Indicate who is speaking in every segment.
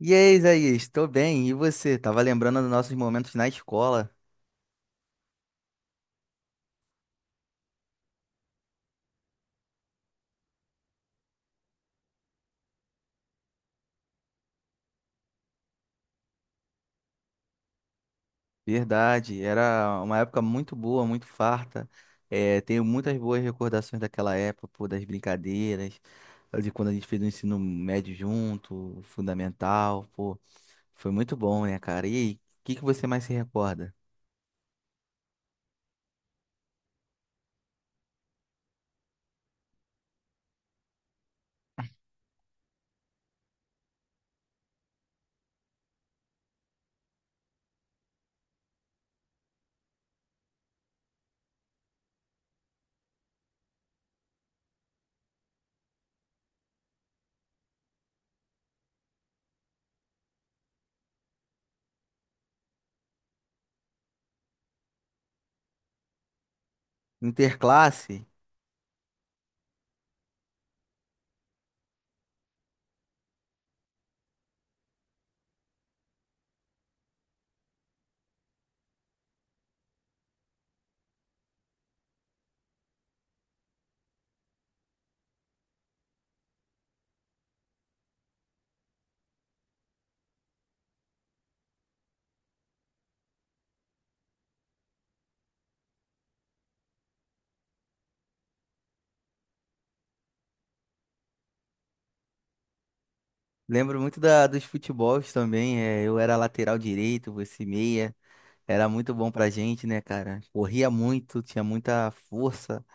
Speaker 1: E aí, Isaías, estou bem. E você? Tava lembrando dos nossos momentos na escola. Verdade, era uma época muito boa, muito farta. É, tenho muitas boas recordações daquela época, pô, das brincadeiras, de quando a gente fez o ensino médio junto, o fundamental, pô. Foi muito bom, né, cara? E aí, o que que você mais se recorda? Interclasse? Lembro muito dos futebols também. É, eu era lateral direito, você meia. Era muito bom pra gente, né, cara? Corria muito, tinha muita força.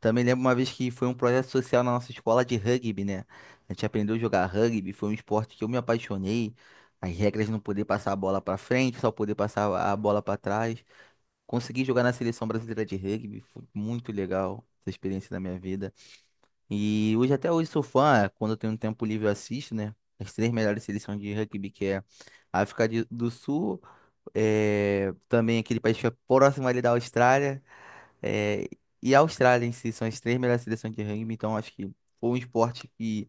Speaker 1: Também lembro uma vez que foi um projeto social na nossa escola de rugby, né? A gente aprendeu a jogar rugby, foi um esporte que eu me apaixonei. As regras de não poder passar a bola pra frente, só poder passar a bola pra trás. Consegui jogar na seleção brasileira de rugby, foi muito legal essa experiência da minha vida. E hoje até hoje sou fã, é, quando eu tenho um tempo livre eu assisto, né? As três melhores seleções de rugby que é a do Sul é, também aquele país fica próximo ali da Austrália, é, e a Austrália em si são as três melhores seleções de rugby, então acho que foi um esporte que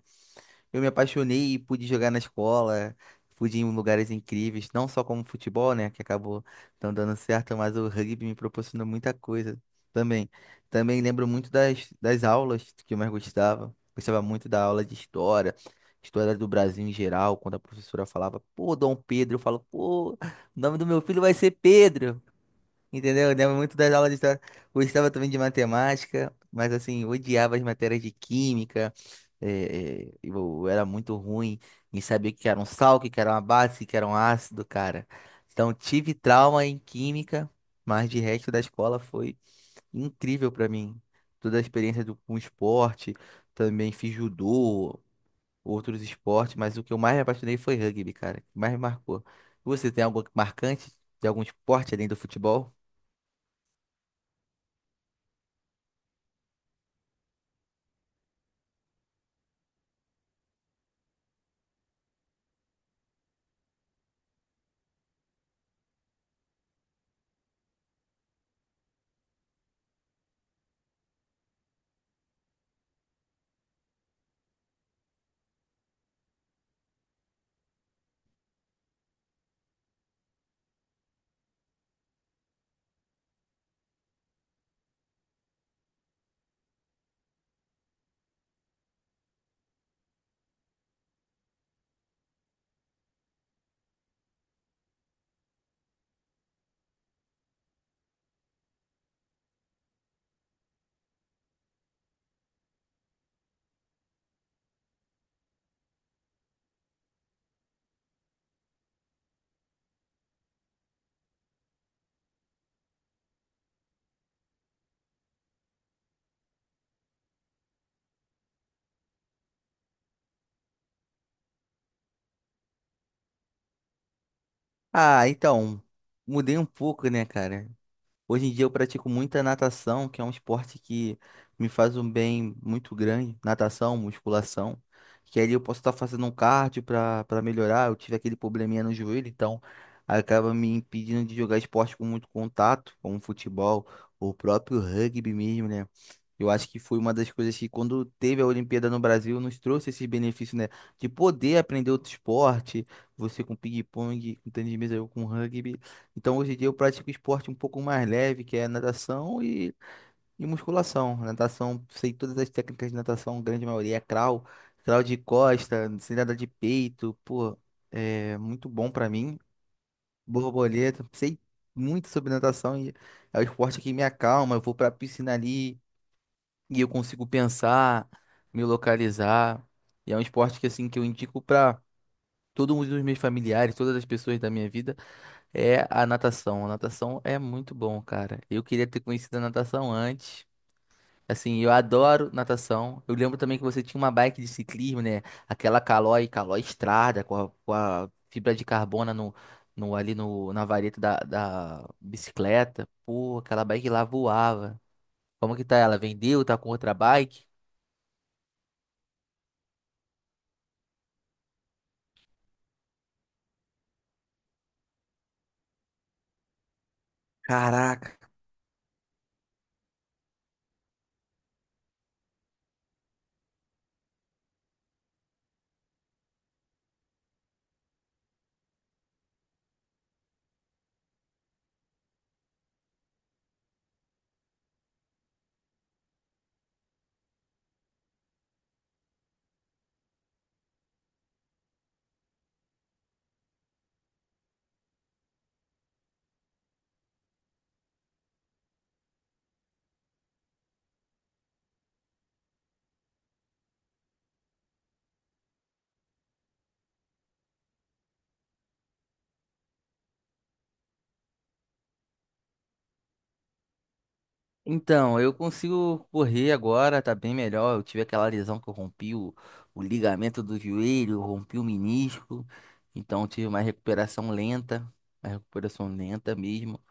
Speaker 1: eu me apaixonei e pude jogar na escola, pude ir em lugares incríveis, não só como futebol, né, que acabou não dando certo, mas o rugby me proporcionou muita coisa também. Também lembro muito das aulas que eu mais gostava. Gostava muito da aula de história, história do Brasil em geral, quando a professora falava, pô, Dom Pedro, eu falo, pô, o nome do meu filho vai ser Pedro. Entendeu? Eu lembro muito das aulas de história. Gostava também de matemática, mas assim, odiava as matérias de química. Eu era muito ruim em saber o que era um sal, o que era uma base, o que era um ácido, cara. Então, tive trauma em química, mas de resto da escola foi incrível pra mim. Toda a experiência do, com esporte, também fiz judô, outros esportes, mas o que eu mais me apaixonei foi rugby, cara. O que mais me marcou. Você tem algo marcante de algum esporte além do futebol? Ah, então, mudei um pouco, né, cara? Hoje em dia eu pratico muita natação, que é um esporte que me faz um bem muito grande. Natação, musculação. Que ali eu posso estar fazendo um cardio para melhorar. Eu tive aquele probleminha no joelho, então acaba me impedindo de jogar esporte com muito contato, como futebol, ou o próprio rugby mesmo, né? Eu acho que foi uma das coisas que, quando teve a Olimpíada no Brasil, nos trouxe esse benefício, né? De poder aprender outro esporte, você com ping-pong, com tênis de mesa, eu com rugby. Então, hoje em dia eu pratico esporte um pouco mais leve, que é natação e musculação. Natação, sei todas as técnicas de natação, a grande maioria é crawl, crawl de costa, sei nadar de peito, pô, é muito bom pra mim. Borboleta, sei muito sobre natação e é o esporte que me acalma. Eu vou pra piscina ali e eu consigo pensar, me localizar. E é um esporte que, assim, que eu indico pra todos os meus familiares, todas as pessoas da minha vida. É a natação. A natação é muito bom, cara. Eu queria ter conhecido a natação antes. Assim, eu adoro natação. Eu lembro também que você tinha uma bike de ciclismo, né? Aquela Caloi, Caloi Estrada, com a fibra de carbono no, no- ali no, na vareta da bicicleta. Pô, aquela bike lá voava. Como que tá ela? Vendeu? Tá com outra bike? Caraca. Então, eu consigo correr agora, tá bem melhor. Eu tive aquela lesão que o ligamento do joelho, rompi o menisco, então tive uma recuperação lenta mesmo.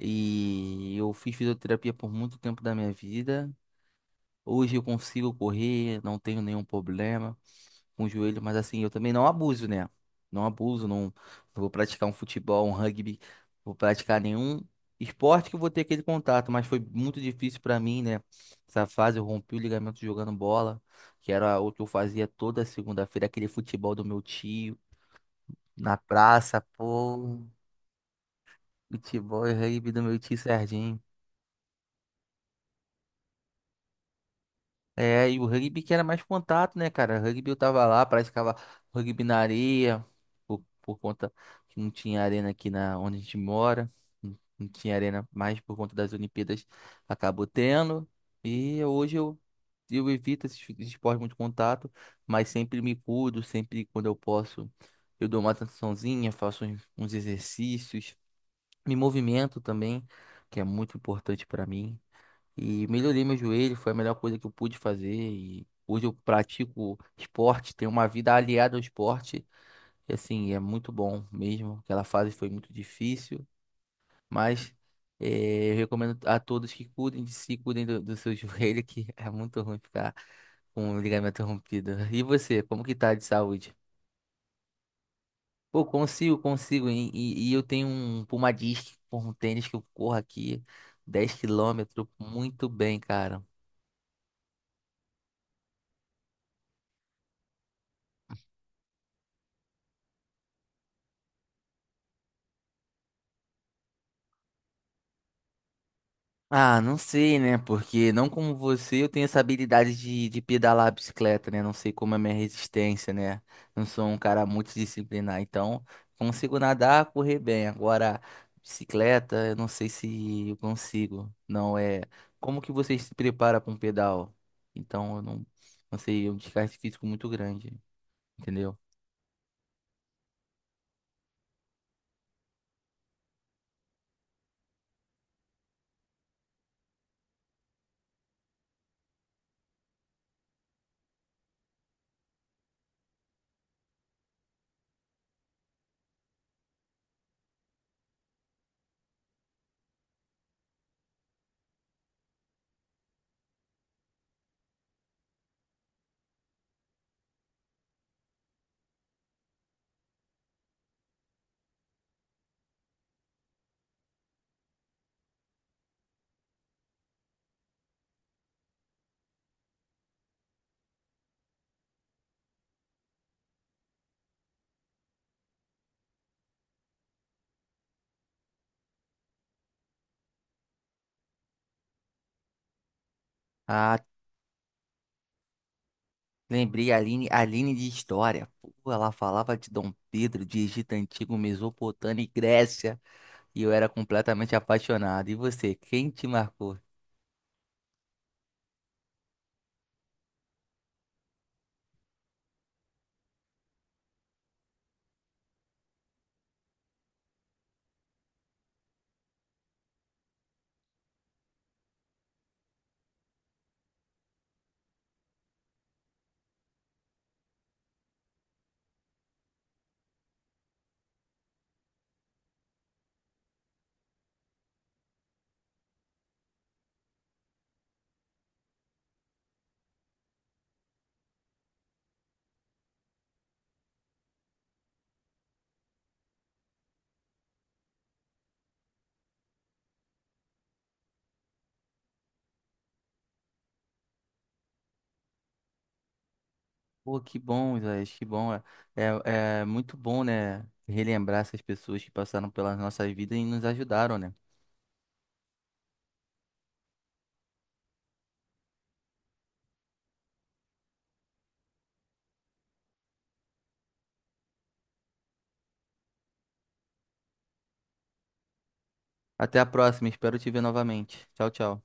Speaker 1: E eu fiz fisioterapia por muito tempo da minha vida. Hoje eu consigo correr, não tenho nenhum problema um joelho, mas assim, eu também não abuso, né? Não abuso, não vou praticar um futebol, um rugby, não vou praticar nenhum esporte que eu vou ter aquele contato, mas foi muito difícil pra mim, né? Essa fase eu rompi o ligamento jogando bola, que era o que eu fazia toda segunda-feira, aquele futebol do meu tio, na praça, pô, futebol e rugby do meu tio Serginho. É, e o rugby que era mais contato, né, cara? Rugby eu tava lá, praticava rugby na areia, por conta que não tinha arena aqui na onde a gente mora, não tinha arena mais por conta das Olimpíadas, acabou tendo. E hoje eu, eu evito esses esportes muito contato, mas sempre me cuido, sempre quando eu posso, eu dou uma atençãozinha, faço uns exercícios, me movimento também, que é muito importante pra mim. E melhorei meu joelho, foi a melhor coisa que eu pude fazer. E hoje eu pratico esporte, tenho uma vida aliada ao esporte. E assim, é muito bom mesmo. Aquela fase foi muito difícil, mas eu recomendo a todos que cuidem de si, cuidem do seu joelho, que é muito ruim ficar com o ligamento rompido. E você, como que tá de saúde? Pô, consigo, consigo. E eu tenho um Puma Disc, um tênis que eu corro aqui 10 km muito bem, cara. Ah, não sei, né? Porque não como você, eu tenho essa habilidade de pedalar a bicicleta, né? Não sei como é a minha resistência, né? Não sou um cara multidisciplinar, então consigo nadar, correr bem. Agora, bicicleta, eu não sei se eu consigo. Não é. Como que você se prepara para um pedal? Então, eu não, não sei, é um desgaste físico muito grande, entendeu? Ah, lembrei a Aline, Aline de História. Pô, ela falava de Dom Pedro, de Egito Antigo, Mesopotâmia e Grécia. E eu era completamente apaixonado. E você, quem te marcou? Pô, que bom, Isaías, que bom. É é muito bom, né? Relembrar essas pessoas que passaram pelas nossas vidas e nos ajudaram, né? Até a próxima, espero te ver novamente. Tchau, tchau.